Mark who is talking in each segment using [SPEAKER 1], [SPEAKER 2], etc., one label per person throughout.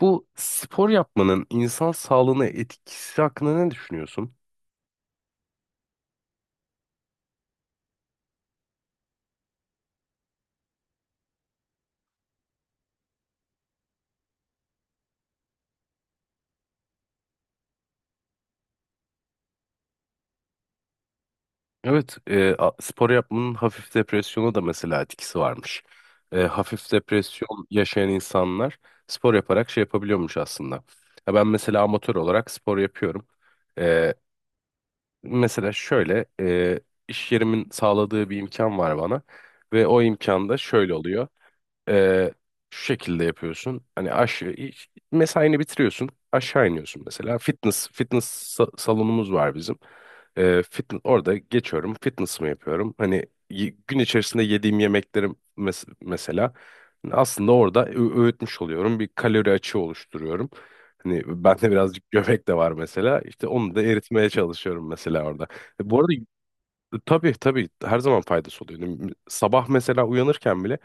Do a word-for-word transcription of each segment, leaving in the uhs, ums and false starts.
[SPEAKER 1] Bu spor yapmanın insan sağlığına etkisi hakkında ne düşünüyorsun? Evet, e, a- spor yapmanın hafif depresyona da mesela etkisi varmış. E, hafif depresyon yaşayan insanlar spor yaparak şey yapabiliyormuş aslında. Ya ben mesela amatör olarak spor yapıyorum. E, Mesela şöyle, e, iş yerimin sağladığı bir imkan var bana ve o imkan da şöyle oluyor. Ee, Şu şekilde yapıyorsun. Hani aşağı mesaini bitiriyorsun. Aşağı iniyorsun mesela. Fitness fitness sa- salonumuz var bizim. Ee, fitness orada geçiyorum. Fitness'ımı yapıyorum. Hani y- gün içerisinde yediğim yemeklerim mes- mesela hani aslında orada ö- öğütmüş oluyorum. Bir kalori açığı oluşturuyorum. Hani bende birazcık göbek de var mesela. İşte onu da eritmeye çalışıyorum mesela orada. E, bu arada tabii tabii her zaman faydası oluyor. Hani sabah mesela uyanırken bile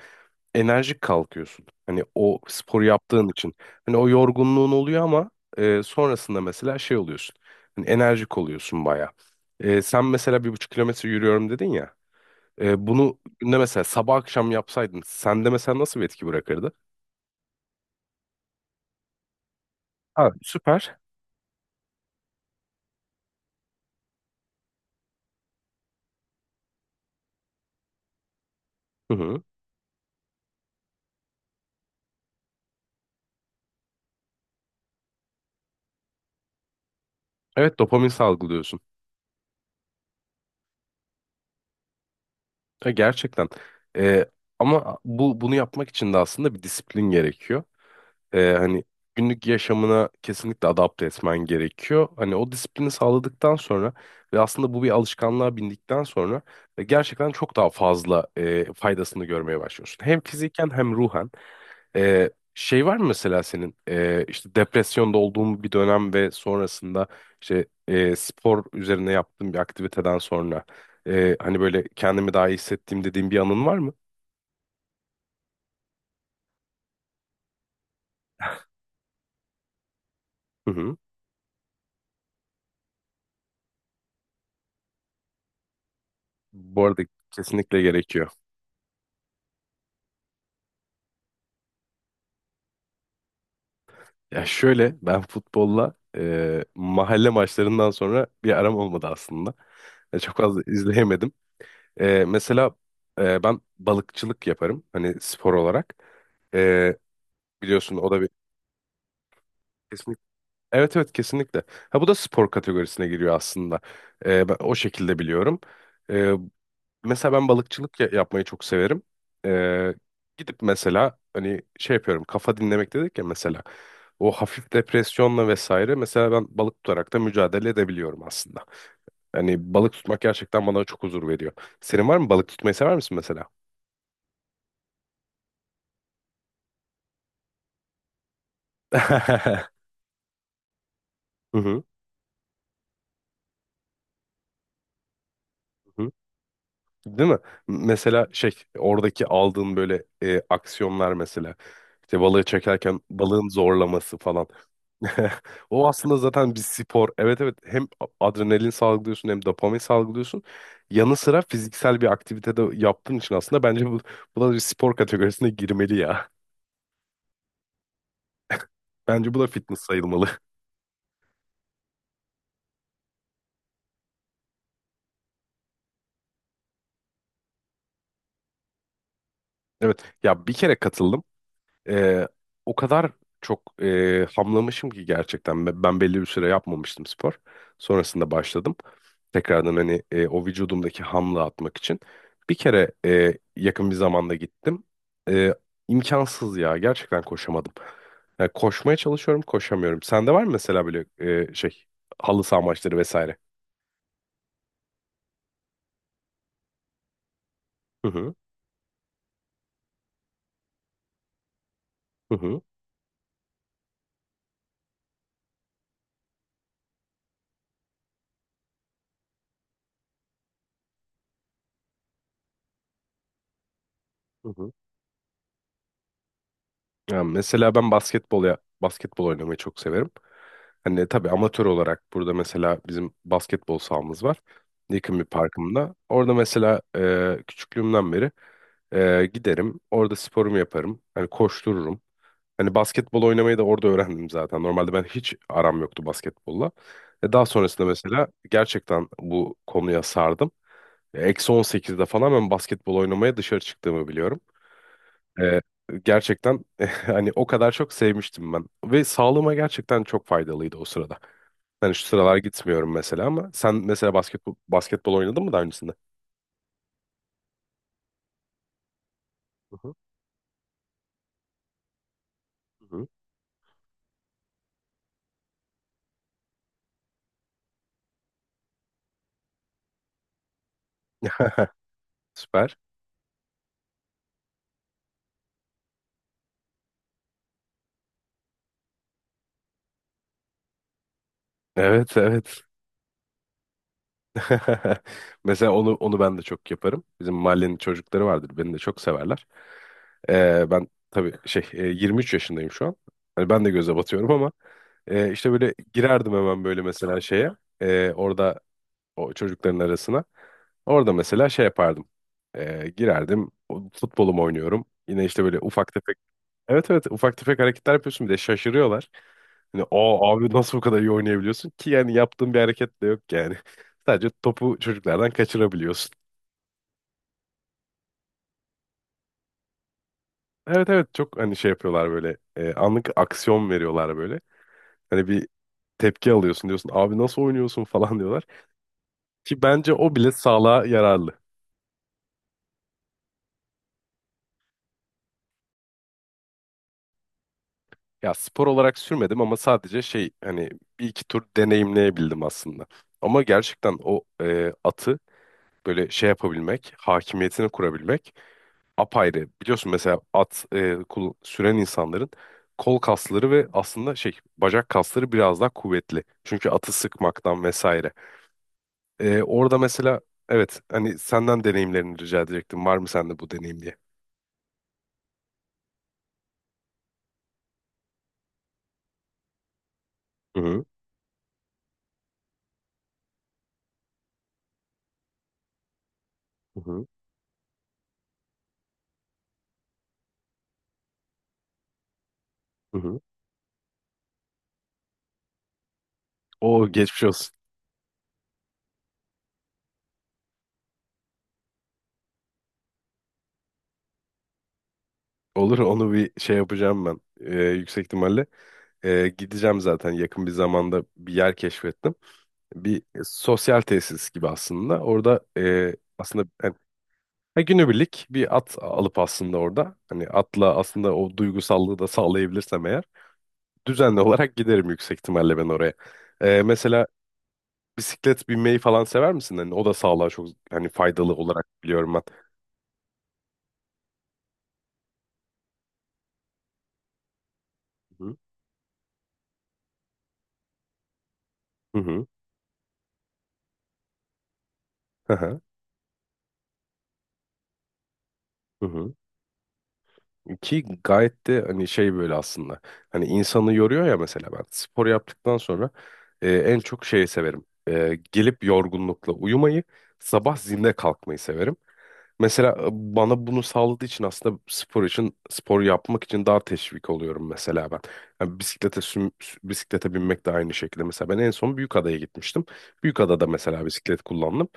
[SPEAKER 1] enerjik kalkıyorsun. Hani o sporu yaptığın için. Hani o yorgunluğun oluyor ama e, sonrasında mesela şey oluyorsun. Hani enerjik oluyorsun baya. Sen mesela bir buçuk kilometre yürüyorum dedin ya. E, bunu günde mesela sabah akşam yapsaydın sende mesela nasıl bir etki bırakırdı? Ha, süper. Hı hı. Evet, dopamin salgılıyorsun. E, gerçekten. E, Ama bu bunu yapmak için de aslında bir disiplin gerekiyor. E, hani günlük yaşamına kesinlikle adapte etmen gerekiyor. Hani o disiplini sağladıktan sonra ve aslında bu bir alışkanlığa bindikten sonra e, gerçekten çok daha fazla e, faydasını görmeye başlıyorsun. Hem fiziken hem ruhen. E, şey var mı mesela senin e, işte depresyonda olduğun bir dönem ve sonrasında işte e, spor üzerine yaptığın bir aktiviteden sonra e, hani böyle kendimi daha iyi hissettiğim dediğin bir anın var mı? Hı hı. Bu arada kesinlikle gerekiyor. Ya şöyle ben futbolla e, mahalle maçlarından sonra bir aram olmadı aslında. E, çok fazla izleyemedim. E, mesela e, ben balıkçılık yaparım hani spor olarak. E, Biliyorsun o da bir kesinlikle. Evet evet kesinlikle. Ha, bu da spor kategorisine giriyor aslında. E, ben o şekilde biliyorum. E, Mesela ben balıkçılık ya- yapmayı çok severim. Ee, Gidip mesela hani şey yapıyorum, kafa dinlemek dedik ya, mesela o hafif depresyonla vesaire mesela ben balık tutarak da mücadele edebiliyorum aslında. Hani balık tutmak gerçekten bana çok huzur veriyor. Senin var mı, balık tutmayı sever misin mesela? Hı hı. Hı. Değil mi? M- Mesela şey, oradaki aldığın böyle e, aksiyonlar mesela, işte balığı çekerken balığın zorlaması falan. O aslında zaten bir spor. Evet evet, hem adrenalin salgılıyorsun hem dopamin salgılıyorsun. Yanı sıra fiziksel bir aktivite de yaptığın için aslında bence bu, bu da bir spor kategorisine girmeli ya. Bence bu da fitness sayılmalı. Evet ya, bir kere katıldım. Ee, O kadar çok e, hamlamışım ki gerçekten. Be- Ben belli bir süre yapmamıştım spor. Sonrasında başladım. Tekrardan, hani e, o vücudumdaki hamla atmak için. Bir kere e, yakın bir zamanda gittim. E, imkansız ya. Gerçekten koşamadım. Yani koşmaya çalışıyorum, koşamıyorum. Sende var mı mesela böyle e, şey, halı saha maçları vesaire? Hı hı. Hı hı. Hı hı. Yani mesela ben basketbol, ya basketbol oynamayı çok severim. Hani tabii amatör olarak, burada mesela bizim basketbol sahamız var. Yakın bir parkımda. Orada mesela e, küçüklüğümden beri e, giderim. Orada sporumu yaparım. Hani koştururum. Hani basketbol oynamayı da orada öğrendim zaten. Normalde ben hiç aram yoktu basketbolla. E, daha sonrasında mesela gerçekten bu konuya sardım. E, Eksi on sekizde falan ben basketbol oynamaya dışarı çıktığımı biliyorum. E, Gerçekten hani o kadar çok sevmiştim ben. Ve sağlığıma gerçekten çok faydalıydı o sırada. Ben şu sıralar gitmiyorum mesela, ama sen mesela basketbol, basketbol oynadın mı daha öncesinde? Hı hı, hı hı. Süper. Evet, evet. Mesela onu onu ben de çok yaparım. Bizim mahallenin çocukları vardır. Beni de çok severler. Ee, ben tabii şey, e, yirmi üç yaşındayım şu an. Hani ben de göze batıyorum, ama e, işte böyle girerdim hemen böyle mesela şeye. E, orada, o çocukların arasına. Orada mesela şey yapardım. E, girerdim. o- Futbolumu oynuyorum. Yine işte böyle ufak. Evet evet, ufak tefek hareketler yapıyorsun bir de şaşırıyorlar. Hani o, abi nasıl bu kadar iyi oynayabiliyorsun ki, yani yaptığın bir hareket de yok yani. Sadece topu çocuklardan kaçırabiliyorsun. Evet evet, çok hani şey yapıyorlar böyle, e, anlık aksiyon veriyorlar böyle. Hani bir tepki alıyorsun, diyorsun abi nasıl oynuyorsun falan diyorlar. Ki bence o bile sağlığa yararlı. Ya spor olarak sürmedim ama sadece şey, hani bir iki tur deneyimleyebildim aslında. Ama gerçekten o e, atı böyle şey yapabilmek, hakimiyetini kurabilmek apayrı. Biliyorsun mesela at e, kul- süren insanların kol kasları ve aslında şey, bacak kasları biraz daha kuvvetli. Çünkü atı sıkmaktan vesaire. E, orada mesela evet, hani senden deneyimlerini rica edecektim. Var mı sende bu deneyim diye? Hı hı, hı hı. Hı hı. O geçmiş olsun. Olur, onu bir şey yapacağım ben. E, yüksek ihtimalle E, gideceğim zaten, yakın bir zamanda bir yer keşfettim. Bir sosyal tesis gibi aslında. Orada e, aslında. Ha, günübirlik bir at alıp aslında orada, hani atla aslında o duygusallığı da sağlayabilirsem eğer, düzenli olarak giderim yüksek ihtimalle ben oraya. Ee, mesela bisiklet binmeyi falan sever misin? Hani o da sağlığa çok, hani faydalı olarak biliyorum ben. Hı hı. Hı hı. Hı hı. Ki gayet de hani şey böyle aslında. Hani insanı yoruyor ya, mesela ben spor yaptıktan sonra e, en çok şeyi severim. E, gelip yorgunlukla uyumayı, sabah zinde kalkmayı severim. Mesela e, bana bunu sağladığı için aslında spor için, spor yapmak için daha teşvik oluyorum mesela ben. Yani bisiklete süm- sü- bisiklete binmek de aynı şekilde. Mesela ben en son Büyükada'ya gitmiştim. Büyükada'da mesela bisiklet kullandım.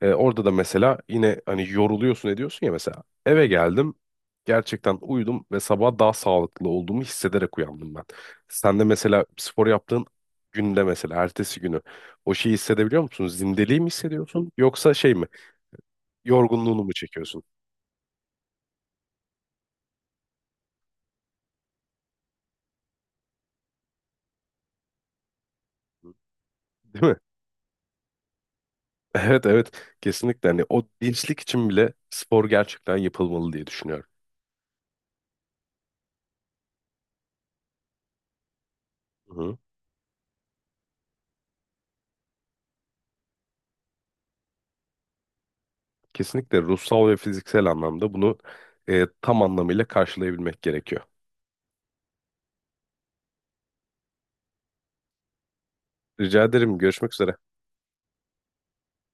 [SPEAKER 1] Ee, orada da mesela yine hani yoruluyorsun ediyorsun ya, mesela eve geldim, gerçekten uyudum ve sabah daha sağlıklı olduğumu hissederek uyandım ben. Sen de mesela spor yaptığın günde mesela ertesi günü o şeyi hissedebiliyor musun? Zindeliği mi hissediyorsun yoksa şey mi, yorgunluğunu mu çekiyorsun? Değil mi? Evet evet, kesinlikle hani o dinçlik için bile spor gerçekten yapılmalı diye düşünüyorum. Hı. Kesinlikle ruhsal ve fiziksel anlamda bunu e, tam anlamıyla karşılayabilmek gerekiyor. Rica ederim, görüşmek üzere.